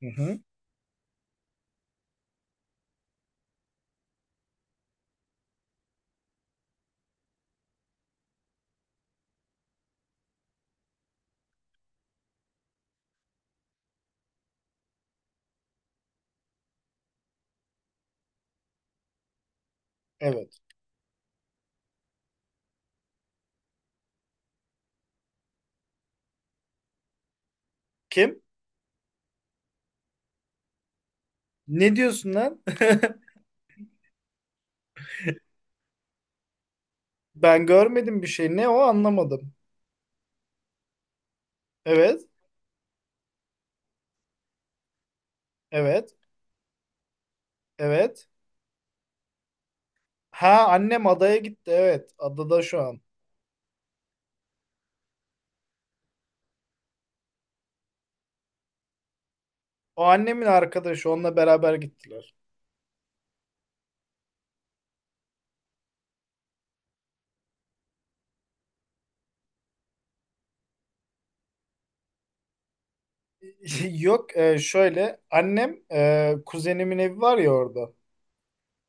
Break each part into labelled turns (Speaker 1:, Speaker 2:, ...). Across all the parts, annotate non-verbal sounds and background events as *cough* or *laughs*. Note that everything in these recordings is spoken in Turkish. Speaker 1: Hı hı. Evet. Kim? Ne diyorsun lan? *laughs* Ben görmedim bir şey. Ne o anlamadım. Evet. Evet. Evet. Ha, annem adaya gitti. Evet. Adada şu an. O annemin arkadaşı. Onunla beraber gittiler. *laughs* Yok e, Şöyle. Annem kuzenimin evi var ya orada.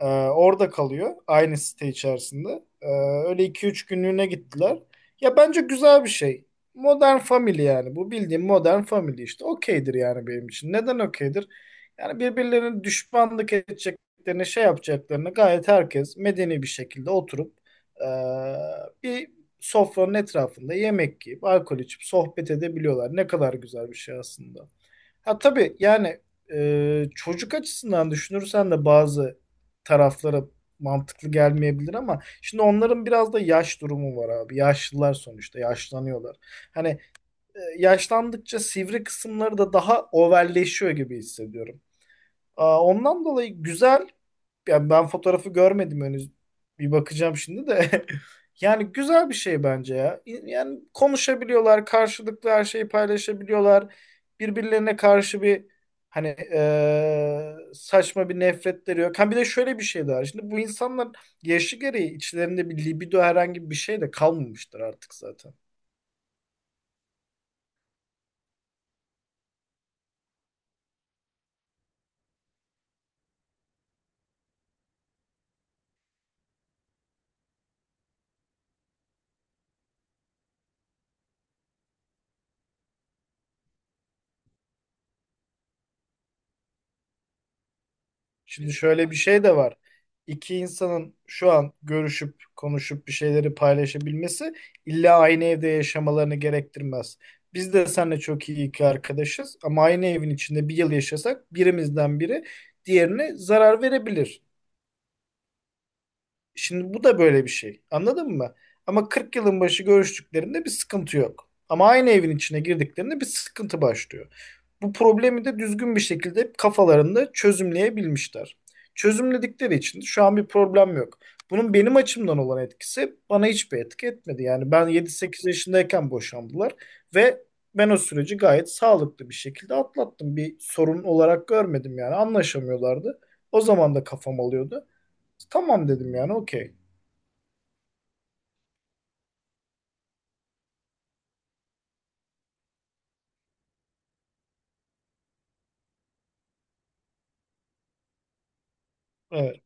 Speaker 1: Orada kalıyor aynı site içerisinde. Ee, Öyle iki üç günlüğüne gittiler. Ya bence güzel bir şey. Modern Family yani. Bu bildiğim Modern Family işte. Okeydir yani benim için. Neden okeydir? Yani birbirlerine düşmanlık edeceklerini, şey yapacaklarını, gayet herkes medeni bir şekilde oturup ee, bir sofranın etrafında yemek yiyip, alkol içip sohbet edebiliyorlar. Ne kadar güzel bir şey aslında. Ha tabii yani, çocuk açısından düşünürsen de bazı taraflara mantıklı gelmeyebilir ama şimdi onların biraz da yaş durumu var abi. Yaşlılar sonuçta yaşlanıyorlar. Hani yaşlandıkça sivri kısımları da daha overleşiyor gibi hissediyorum. Aa, ondan dolayı güzel. Ya ben fotoğrafı görmedim henüz. Bir bakacağım şimdi de. *laughs* Yani güzel bir şey bence ya. Yani konuşabiliyorlar, karşılıklı her şeyi paylaşabiliyorlar. Birbirlerine karşı bir saçma bir nefretleri yok. Ha, bir de şöyle bir şey daha. Şimdi bu insanlar yaşı gereği içlerinde bir libido, herhangi bir şey de kalmamıştır artık zaten. Şimdi şöyle bir şey de var. İki insanın şu an görüşüp konuşup bir şeyleri paylaşabilmesi illa aynı evde yaşamalarını gerektirmez. Biz de seninle çok iyi iki arkadaşız ama aynı evin içinde bir yıl yaşasak birimizden biri diğerine zarar verebilir. Şimdi bu da böyle bir şey. Anladın mı? Ama 40 yılın başı görüştüklerinde bir sıkıntı yok. Ama aynı evin içine girdiklerinde bir sıkıntı başlıyor. Bu problemi de düzgün bir şekilde kafalarında çözümleyebilmişler. Çözümledikleri için de şu an bir problem yok. Bunun benim açımdan olan etkisi, bana hiçbir etki etmedi. Yani ben 7-8 yaşındayken boşandılar ve ben o süreci gayet sağlıklı bir şekilde atlattım. Bir sorun olarak görmedim, yani anlaşamıyorlardı. O zaman da kafam alıyordu. Tamam dedim yani, okey. Evet.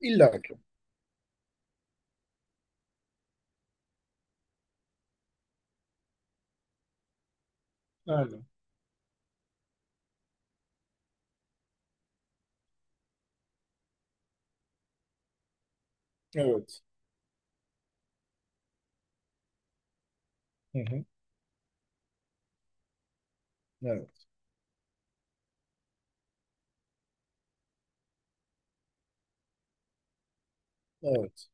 Speaker 1: İlla ki. Yani. Evet. Hı hı. Evet. Evet.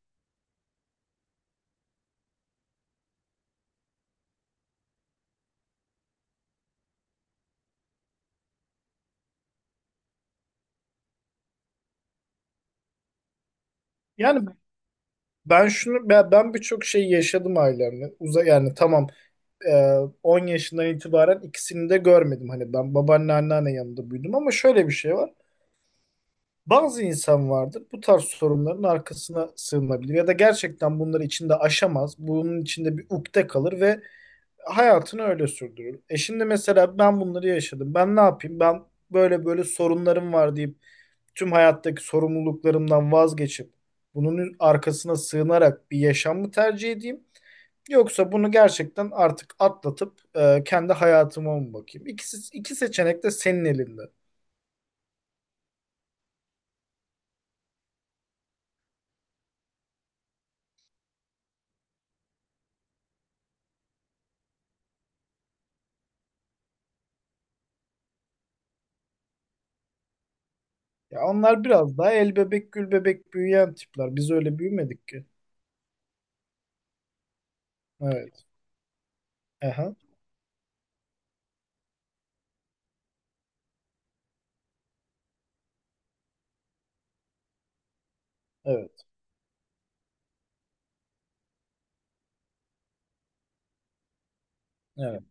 Speaker 1: Yani ben birçok şey yaşadım ailemle. Uza yani tamam e, 10 yaşından itibaren ikisini de görmedim. Hani ben babaanne anneanne yanında büyüdüm ama şöyle bir şey var. Bazı insan vardır, bu tarz sorunların arkasına sığınabilir ya da gerçekten bunları içinde aşamaz. Bunun içinde bir ukde kalır ve hayatını öyle sürdürür. E şimdi mesela ben bunları yaşadım. Ben ne yapayım? Ben böyle böyle sorunlarım var deyip tüm hayattaki sorumluluklarımdan vazgeçip bunun arkasına sığınarak bir yaşam mı tercih edeyim? Yoksa bunu gerçekten artık atlatıp kendi hayatıma mı bakayım? İki seçenek de senin elinde. Ya onlar biraz daha el bebek gül bebek büyüyen tipler. Biz öyle büyümedik ki. Evet. Aha. Evet. Evet.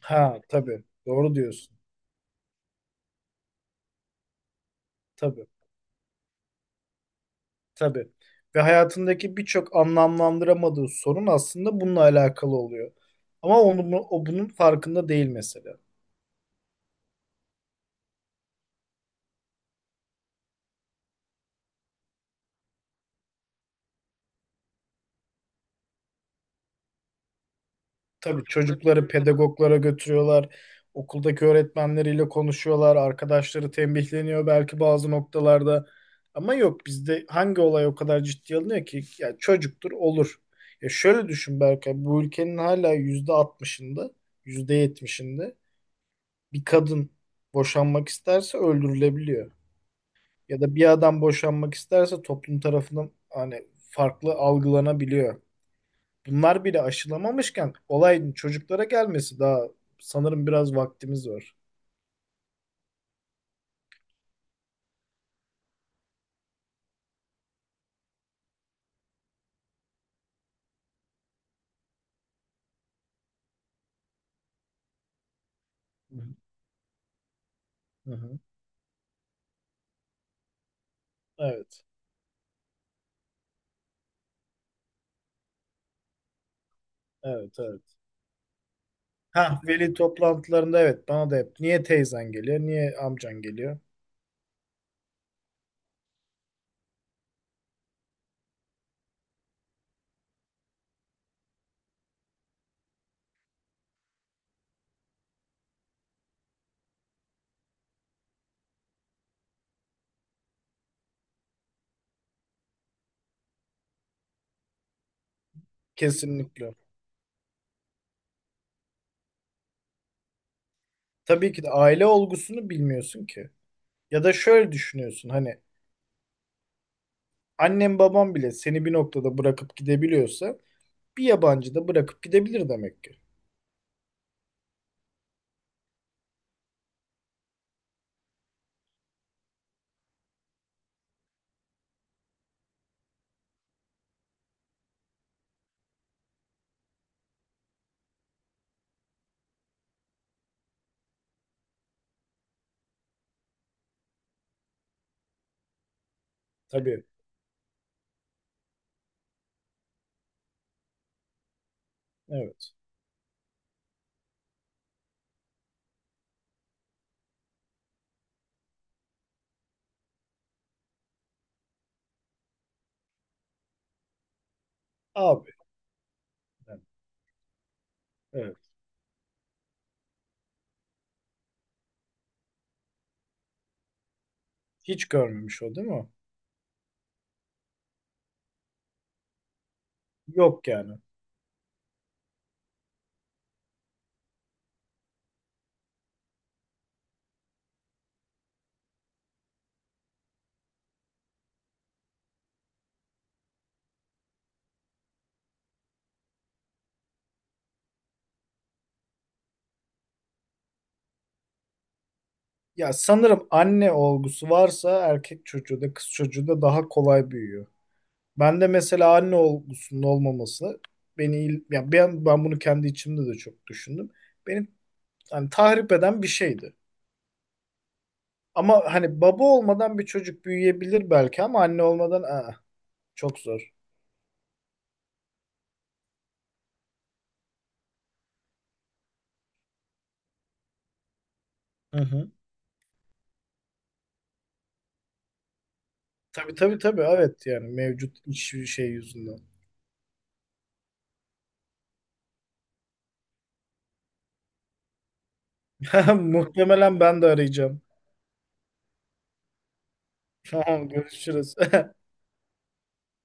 Speaker 1: Ha tabii. Doğru diyorsun. Tabii. Tabii. Ve hayatındaki birçok anlamlandıramadığı sorun aslında bununla alakalı oluyor. Ama o bunun farkında değil mesela. Tabii çocukları pedagoglara götürüyorlar. Okuldaki öğretmenleriyle konuşuyorlar. Arkadaşları tembihleniyor belki bazı noktalarda. Ama yok, bizde hangi olay o kadar ciddiye alınıyor ki? Ya çocuktur olur. Ya şöyle düşün Berkay. Bu ülkenin hala %60'ında, %70'inde bir kadın boşanmak isterse öldürülebiliyor. Ya da bir adam boşanmak isterse toplum tarafından hani farklı algılanabiliyor. Bunlar bile aşılamamışken olayın çocuklara gelmesi daha, sanırım biraz vaktimiz var. Hı hı. Hı hı. Evet. Evet, evet. Ha, veli toplantılarında evet, bana da hep niye teyzen geliyor, niye amcan geliyor? Kesinlikle. Tabii ki de aile olgusunu bilmiyorsun ki. Ya da şöyle düşünüyorsun, hani annem babam bile seni bir noktada bırakıp gidebiliyorsa bir yabancı da bırakıp gidebilir demek ki. Tabii. Evet. Abi. Yani. Evet. Hiç görmemiş, o değil mi? Yok yani. Ya sanırım anne olgusu varsa erkek çocuğu da kız çocuğu da daha kolay büyüyor. Ben de mesela anne olgusunun olmaması beni ya ben bunu kendi içimde de çok düşündüm. Beni hani tahrip eden bir şeydi. Ama hani baba olmadan bir çocuk büyüyebilir belki ama anne olmadan aa, çok zor. Hı hı. Tabii tabii tabii, evet, yani mevcut iş şey yüzünden. *laughs* Muhtemelen ben de arayacağım. Tamam görüşürüz. *laughs*